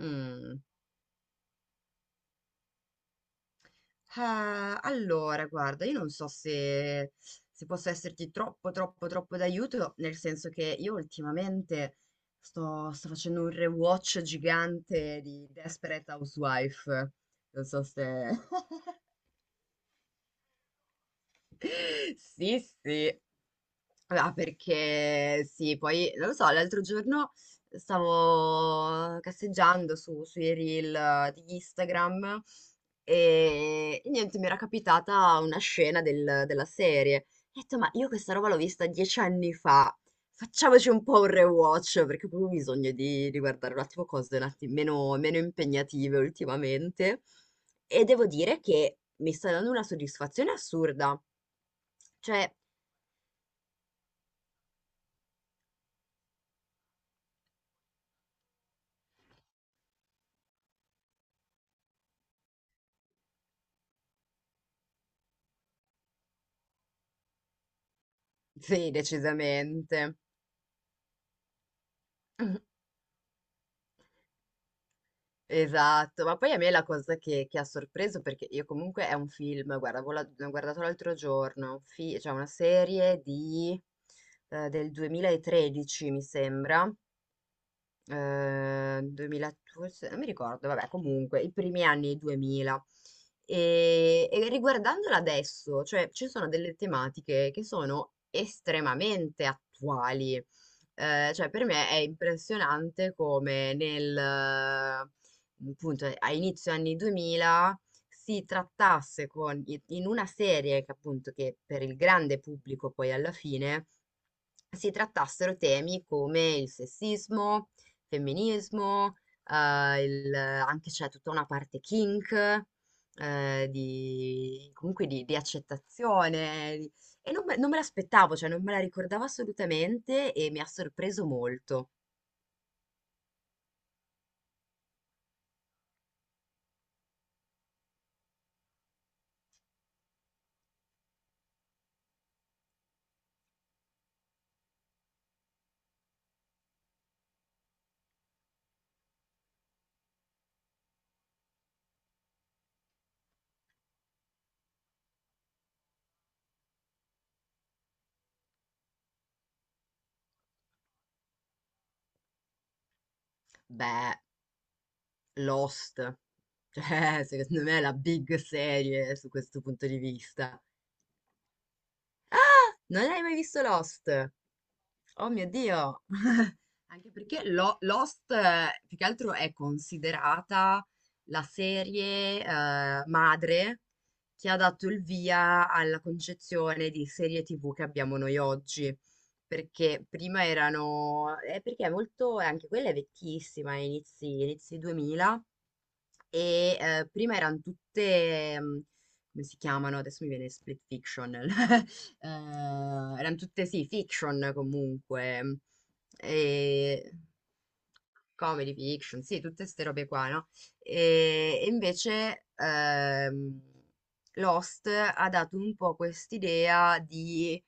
Mm. Allora, guarda, io non so se posso esserti troppo, troppo, troppo d'aiuto, nel senso che io ultimamente sto facendo un rewatch gigante di Desperate Housewife. Non so se. Sì, sì. Ah, perché sì, poi non lo so, l'altro giorno stavo casseggiando sui reel di Instagram e niente, mi era capitata una scena della serie. Ho detto, ma io questa roba l'ho vista 10 anni fa, facciamoci un po' un rewatch perché ho proprio bisogno di guardare un attimo cose un attimo meno impegnative ultimamente. E devo dire che mi sta dando una soddisfazione assurda. Cioè, sì, decisamente. Esatto, ma poi a me la cosa che ha sorpreso, perché io comunque è un film, guarda, avevo l'ho guardato l'altro giorno, cioè una serie di, del 2013, mi sembra, 2012, non mi ricordo, vabbè, comunque, i primi anni 2000. E riguardandola adesso, cioè, ci sono delle tematiche che sono estremamente attuali. Cioè, per me è impressionante come nel, appunto, a inizio anni 2000 si trattasse con, in una serie che appunto che per il grande pubblico poi alla fine si trattassero temi come il sessismo, femminismo, anche c'è tutta una parte kink, di, comunque di accettazione. E non me l'aspettavo, cioè non me la ricordavo assolutamente e mi ha sorpreso molto. Beh, Lost, cioè secondo me è la big serie su questo punto di vista. Ah, non hai mai visto Lost? Oh mio Dio! Anche perché Lost, più che altro, è considerata la serie, madre che ha dato il via alla concezione di serie TV che abbiamo noi oggi. Perché prima perché è molto. Anche quella è vecchissima, è inizi 2000, e prima erano tutte, come si chiamano? Adesso mi viene split fiction. Erano tutte, sì, fiction comunque. E comedy fiction, sì, tutte queste robe qua, no? E invece Lost ha dato un po' quest'idea di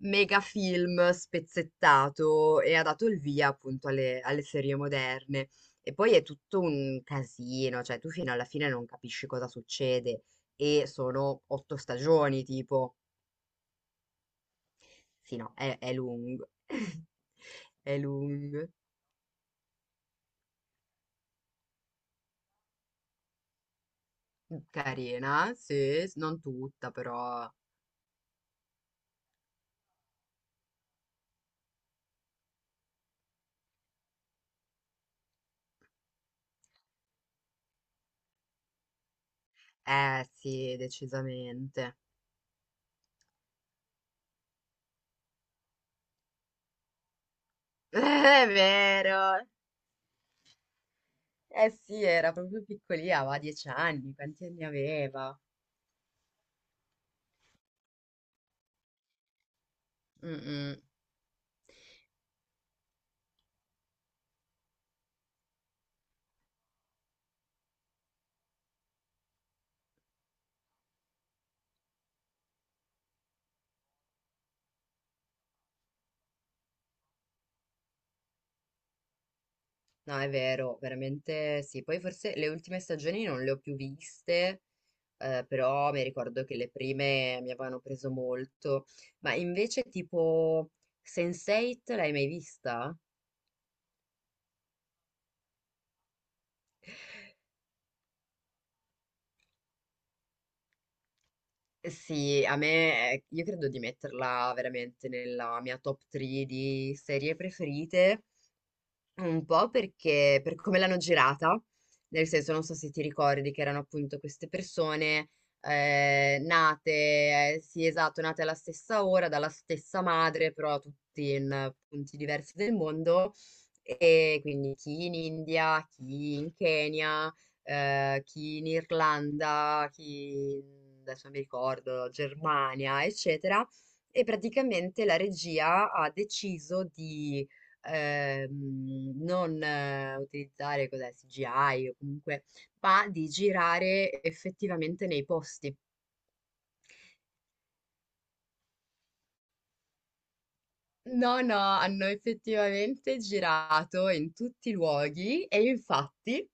mega film spezzettato e ha dato il via appunto alle serie moderne. E poi è tutto un casino, cioè tu fino alla fine non capisci cosa succede e sono 8 stagioni, tipo. Sì, no, è lungo. È lungo. Carina, sì, non tutta, però. Eh sì, decisamente. È vero. Eh sì, era proprio piccolina, aveva 10 anni, quanti anni aveva? Mm, mm. No, è vero, veramente sì. Poi forse le ultime stagioni non le ho più viste, però mi ricordo che le prime mi avevano preso molto. Ma invece tipo Sense8 l'hai mai vista? Eh sì, a me, io credo di metterla veramente nella mia top 3 di serie preferite. Un po' perché per come l'hanno girata, nel senso non so se ti ricordi che erano appunto queste persone nate, sì esatto, nate alla stessa ora, dalla stessa madre, però tutti in punti diversi del mondo, e quindi chi in India, chi in Kenya, chi in Irlanda, chi adesso non mi ricordo, Germania, eccetera, e praticamente la regia ha deciso di non utilizzare cos'è, CGI o comunque, ma di girare effettivamente nei posti. No, no, hanno effettivamente girato in tutti i luoghi e infatti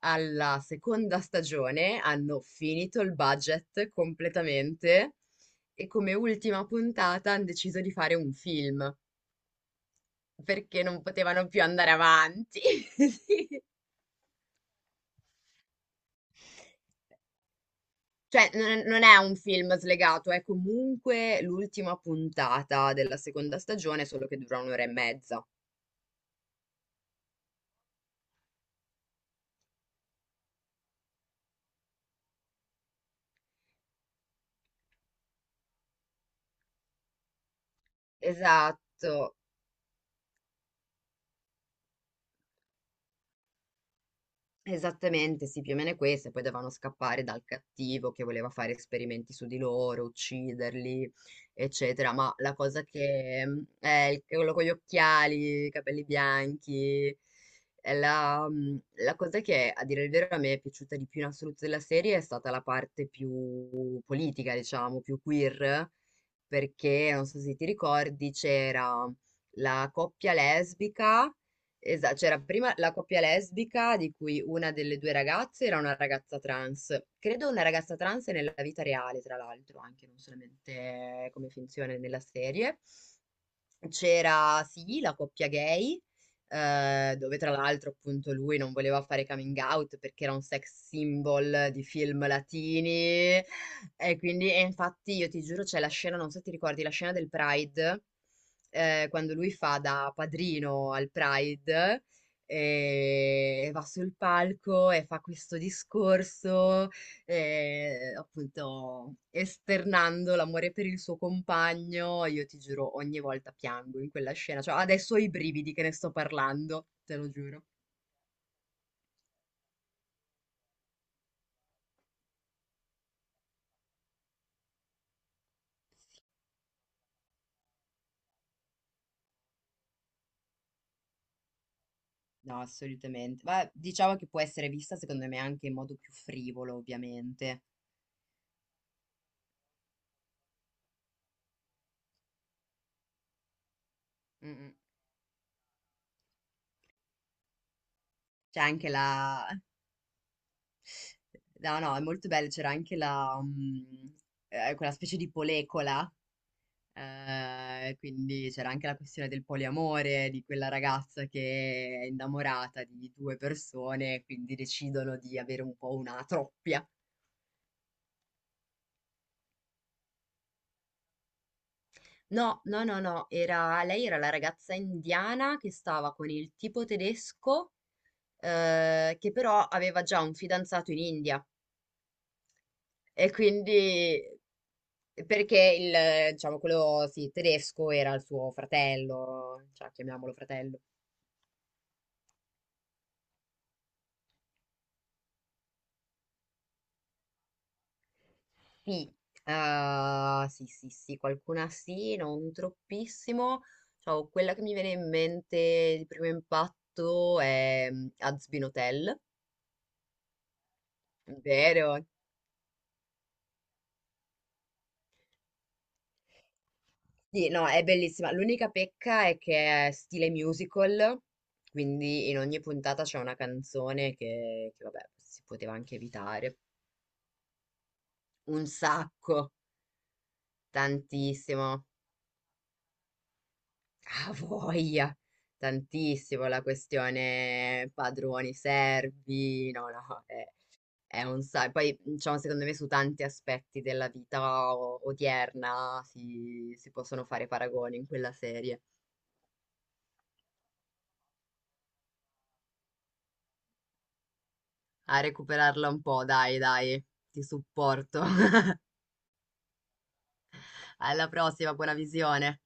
alla seconda stagione hanno finito il budget completamente e come ultima puntata hanno deciso di fare un film perché non potevano più andare avanti. Cioè, non è un film slegato, è comunque l'ultima puntata della seconda stagione, solo che dura un'ora e mezza. Esatto. Esattamente, sì, più o meno è questo, e poi dovevano scappare dal cattivo che voleva fare esperimenti su di loro, ucciderli, eccetera. Ma la cosa che quello con gli occhiali, i capelli bianchi, è la cosa che a dire il vero a me è piaciuta di più in assoluto della serie è stata la parte più politica, diciamo, più queer, perché non so se ti ricordi, c'era la coppia lesbica. Esatto, c'era prima la coppia lesbica di cui una delle due ragazze era una ragazza trans. Credo una ragazza trans nella vita reale, tra l'altro, anche non solamente come finzione nella serie. C'era, sì, la coppia gay, dove tra l'altro appunto lui non voleva fare coming out perché era un sex symbol di film latini e quindi, e infatti io ti giuro c'è la scena, non so se ti ricordi, la scena del Pride, quando lui fa da padrino al Pride e va sul palco e fa questo discorso e, appunto, esternando l'amore per il suo compagno, io ti giuro, ogni volta piango in quella scena. Cioè, adesso ho i brividi che ne sto parlando, te lo giuro. No, assolutamente. Ma diciamo che può essere vista, secondo me, anche in modo più frivolo, ovviamente. Mm, mm. C'è anche la. No, no, è molto bello. C'era anche quella specie di polecola. Quindi c'era anche la questione del poliamore, di quella ragazza che è innamorata di due persone, quindi decidono di avere un po' una troppia. No, no, no, no, lei era la ragazza indiana che stava con il tipo tedesco, che però aveva già un fidanzato in India. E quindi, perché il, diciamo, quello, sì, tedesco era il suo fratello, cioè, chiamiamolo fratello. Sì, sì, sì, sì, qualcuna sì, non troppissimo. Cioè, quella che mi viene in mente di primo impatto è Hazbin Hotel, vero? Sì, no, è bellissima. L'unica pecca è che è stile musical, quindi in ogni puntata c'è una canzone che, vabbè, si poteva anche evitare. Un sacco, tantissimo. Ah, voglia! Tantissimo la questione padroni, servi, no, no, è un sacco. Poi, diciamo, secondo me su tanti aspetti della vita odierna si possono fare paragoni in quella serie. A recuperarla un po', dai, dai, ti supporto. Alla prossima, buona visione.